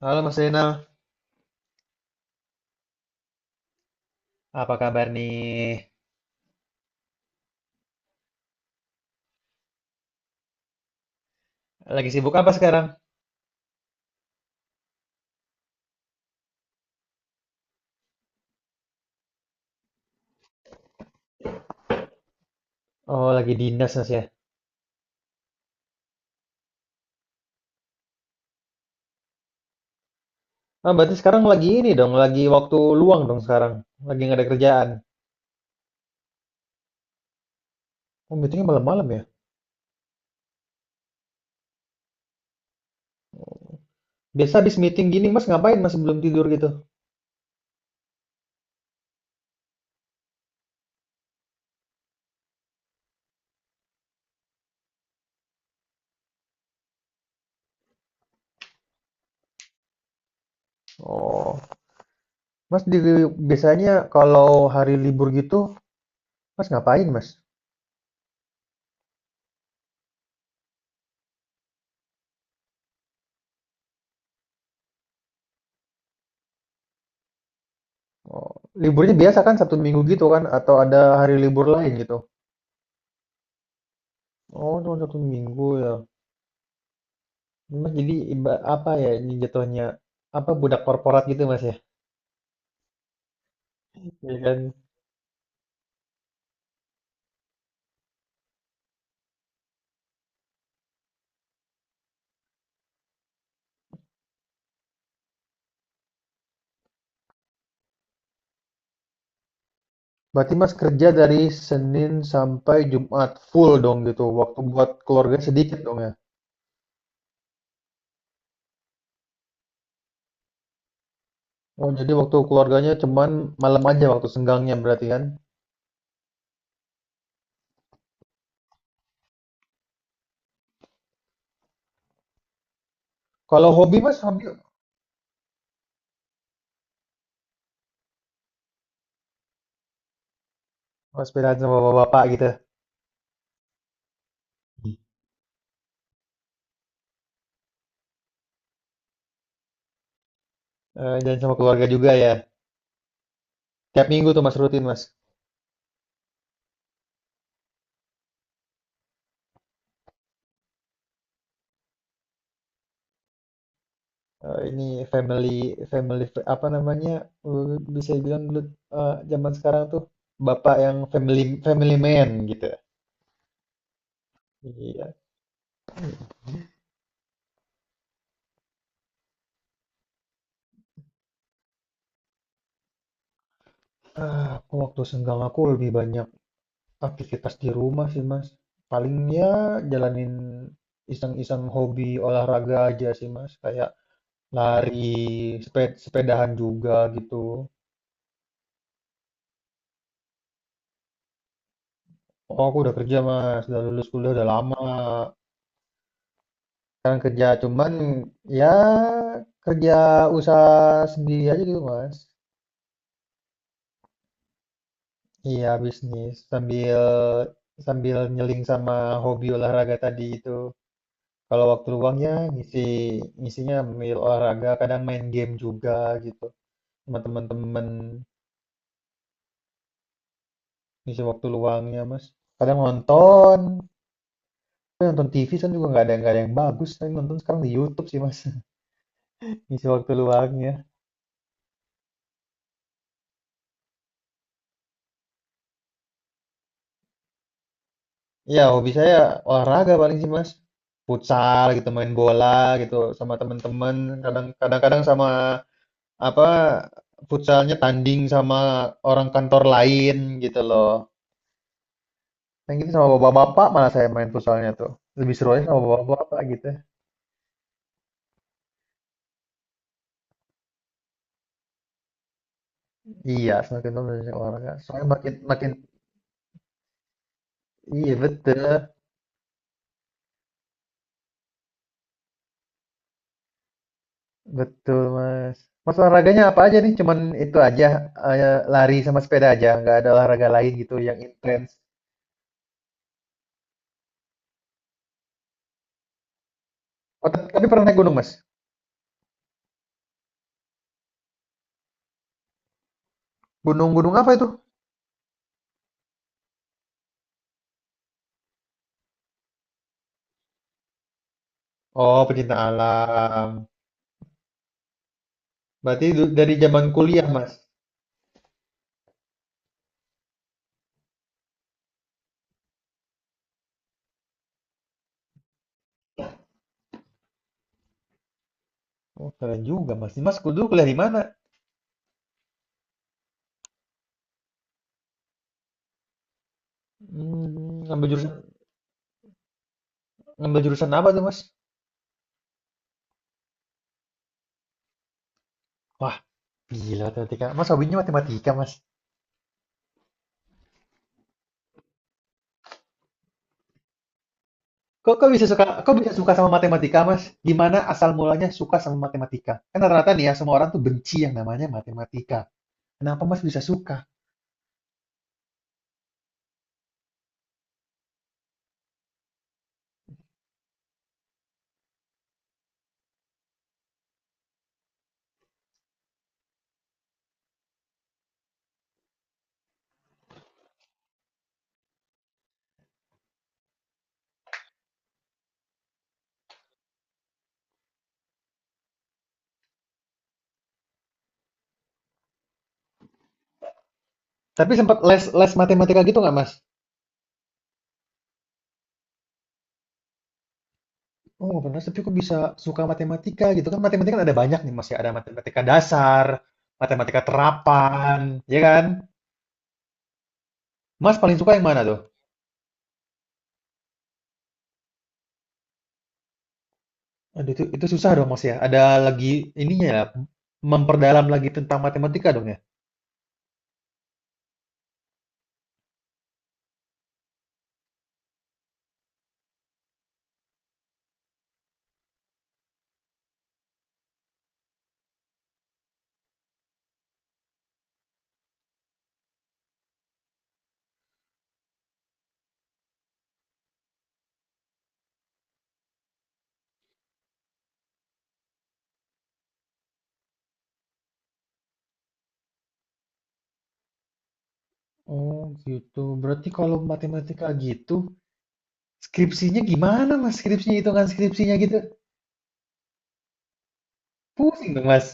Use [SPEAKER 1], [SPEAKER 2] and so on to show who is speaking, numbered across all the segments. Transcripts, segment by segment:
[SPEAKER 1] Halo Mas Zainal, apa kabar nih? Lagi sibuk apa sekarang? Oh, lagi dinas Mas ya. Ah, berarti sekarang lagi ini dong, lagi waktu luang dong sekarang. Lagi nggak ada kerjaan. Oh, meetingnya malam-malam ya? Biasa habis meeting gini Mas ngapain Mas sebelum tidur gitu? Oh, Mas di, biasanya kalau hari libur gitu, Mas ngapain Mas? Oh, liburnya biasa kan Sabtu Minggu gitu kan? Atau ada hari libur lain gitu? Oh, cuma Sabtu Minggu ya. Mas jadi apa ya ini jatuhnya? Apa budak korporat gitu Mas ya? Iya kan? Berarti Mas kerja dari Senin sampai Jumat, full dong gitu. Waktu buat keluarga sedikit dong ya? Oh, jadi waktu keluarganya cuman malam aja waktu senggangnya berarti kan? Kalau hobi mas sepedaan sama bapak-bapak gitu. Eh, dan sama keluarga juga ya. Tiap minggu tuh Mas rutin Mas. Eh, ini family family apa namanya? Eh, bisa bilang dulu eh, zaman sekarang tuh bapak yang family family man gitu. Iya. Ah, aku waktu senggang aku lebih banyak aktivitas di rumah sih, Mas. Paling ya jalanin iseng-iseng hobi olahraga aja sih, Mas. Kayak lari, sepedahan juga gitu. Oh, aku udah kerja, Mas. Udah lulus kuliah udah lama. Sekarang kerja cuman ya kerja usaha sendiri aja gitu, Mas. Iya, bisnis sambil sambil nyeling sama hobi olahraga tadi itu. Kalau waktu luangnya ngisi ngisinya ambil olahraga, kadang main game juga gitu, sama teman-teman ngisi waktu luangnya Mas. Kadang nonton, tapi nonton TV kan juga nggak ada yang bagus. Tapi nonton sekarang di YouTube sih Mas, ngisi waktu luangnya. Ya hobi saya olahraga paling sih Mas. Futsal gitu, main bola gitu sama teman-teman. Kadang-kadang sama apa futsalnya tanding sama orang kantor lain gitu loh. Yang gitu sama bapak-bapak malah saya main futsalnya tuh. Lebih seru aja sama bapak-bapak gitu. Iya, semakin lama olahraga. Soalnya makin makin. Iya betul, betul Mas. Mas olahraganya apa aja nih? Cuman itu aja, eh, lari sama sepeda aja, nggak ada olahraga lain gitu yang intens. Oh, tapi pernah naik gunung Mas? Gunung-gunung apa itu? Oh, pecinta alam. Berarti dari zaman kuliah Mas. Oh, keren juga Mas. Mas dulu kuliah di mana? Hmm, ngambil jurusan ngambil jurusan apa tuh Mas? Wah, gila matematika. Mas hobinya matematika Mas. Kok kok bisa suka sama matematika, Mas? Gimana asal mulanya suka sama matematika? Kan rata-rata nih ya, semua orang tuh benci yang namanya matematika. Kenapa Mas bisa suka? Tapi sempat les les matematika gitu nggak, Mas? Oh, benar, tapi kok bisa suka matematika gitu kan? Matematika kan ada banyak nih, Mas ya. Ada matematika dasar, matematika terapan, ya kan? Mas paling suka yang mana tuh? Aduh, itu susah dong, Mas ya. Ada lagi ininya ya, memperdalam lagi tentang matematika dong ya. Oh, gitu. Berarti kalau matematika gitu, skripsinya gimana Mas? Skripsinya, hitungan skripsinya gitu. Pusing dong Mas.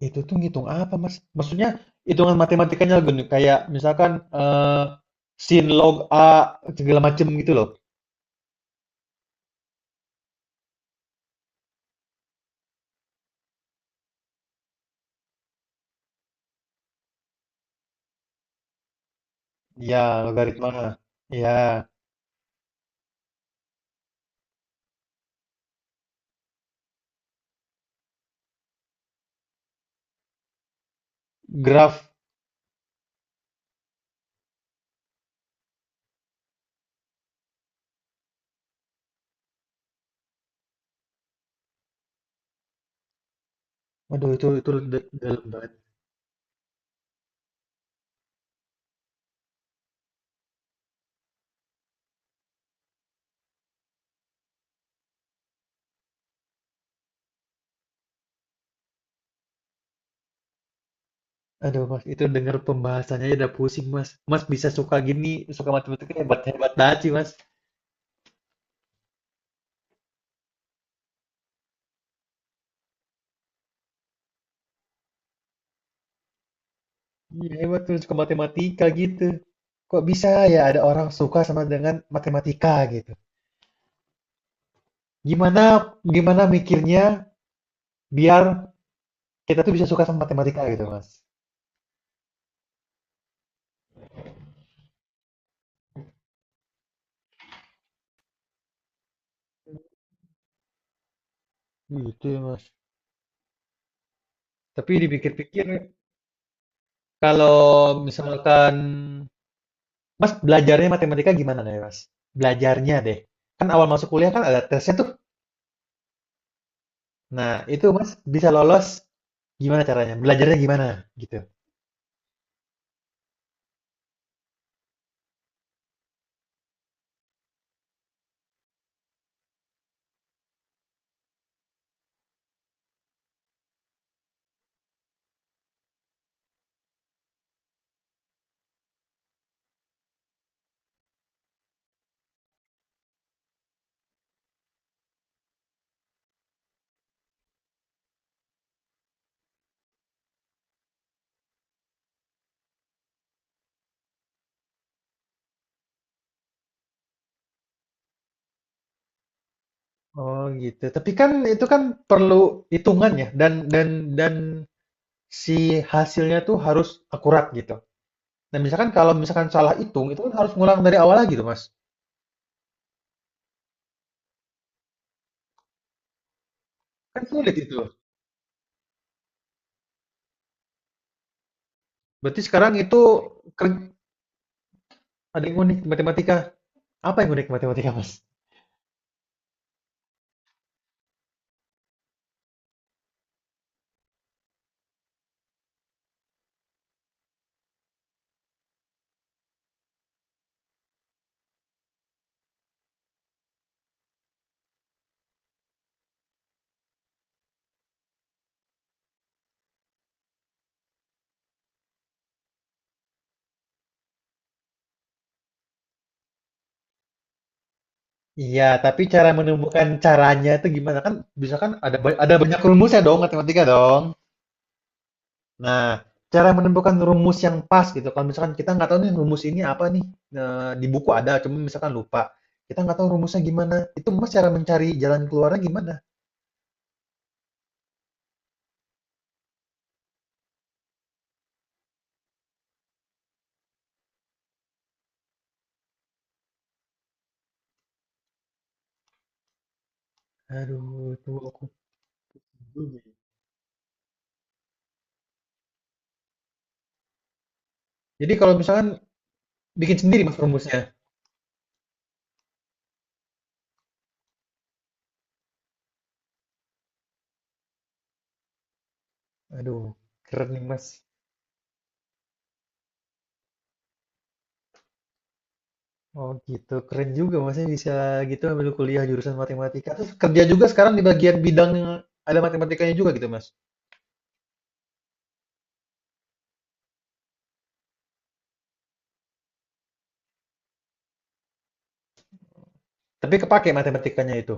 [SPEAKER 1] Itu tuh ngitung apa Mas? Maksudnya hitungan matematikanya gini, kayak misalkan eh, sin log A segala macem gitu loh. Ya, logaritma. Ya, graf. Aduh itu dalam banget. Aduh Mas, itu denger pembahasannya aja udah pusing Mas. Mas bisa suka gini, suka matematika hebat-hebat banget sih Mas. Iya hebat tuh suka matematika gitu. Kok bisa ya ada orang suka sama dengan matematika gitu. Gimana gimana mikirnya biar kita tuh bisa suka sama matematika gitu, Mas. Gitu ya, Mas. Tapi dipikir-pikir kalau misalkan Mas belajarnya matematika gimana nih, Mas? Belajarnya deh. Kan awal masuk kuliah kan ada tesnya tuh. Nah, itu Mas bisa lolos gimana caranya? Belajarnya gimana gitu. Oh, gitu. Tapi kan itu kan perlu hitungan ya dan si hasilnya tuh harus akurat gitu. Nah, misalkan kalau misalkan salah hitung, itu kan harus ngulang dari awal lagi tuh, Mas. Kan sulit itu. Berarti sekarang itu keren, ada yang unik matematika. Apa yang unik matematika, Mas? Iya, tapi cara menemukan caranya itu gimana? Kan bisa kan ada ada banyak rumusnya dong matematika dong. Nah, cara menemukan rumus yang pas gitu. Kalau misalkan kita nggak tahu nih rumus ini apa nih, nah, di buku ada, cuma misalkan lupa. Kita nggak tahu rumusnya gimana. Itu Mas cara mencari jalan keluarnya gimana? Aduh, itu aku. Jadi kalau misalkan bikin sendiri Mas rumusnya? Aduh, keren nih Mas. Oh gitu, keren juga Masnya bisa gitu ambil kuliah jurusan matematika. Terus kerja juga sekarang di bagian bidang yang ada matematikanya juga gitu Mas. Tapi kepake matematikanya itu.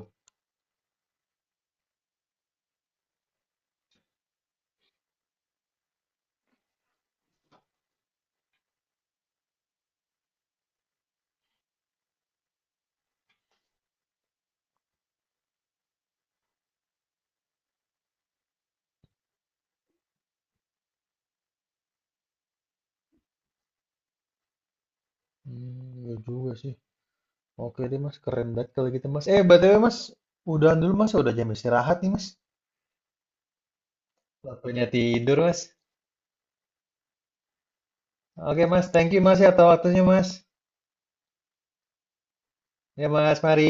[SPEAKER 1] Hmm, iya juga sih. Oke deh Mas, keren banget kalau gitu Mas. Eh, BTW Mas, udahan dulu Mas, udah jam istirahat nih Mas. Waktunya tidur Mas. Oke Mas, thank you Mas ya atas waktunya Mas. Ya Mas, mari.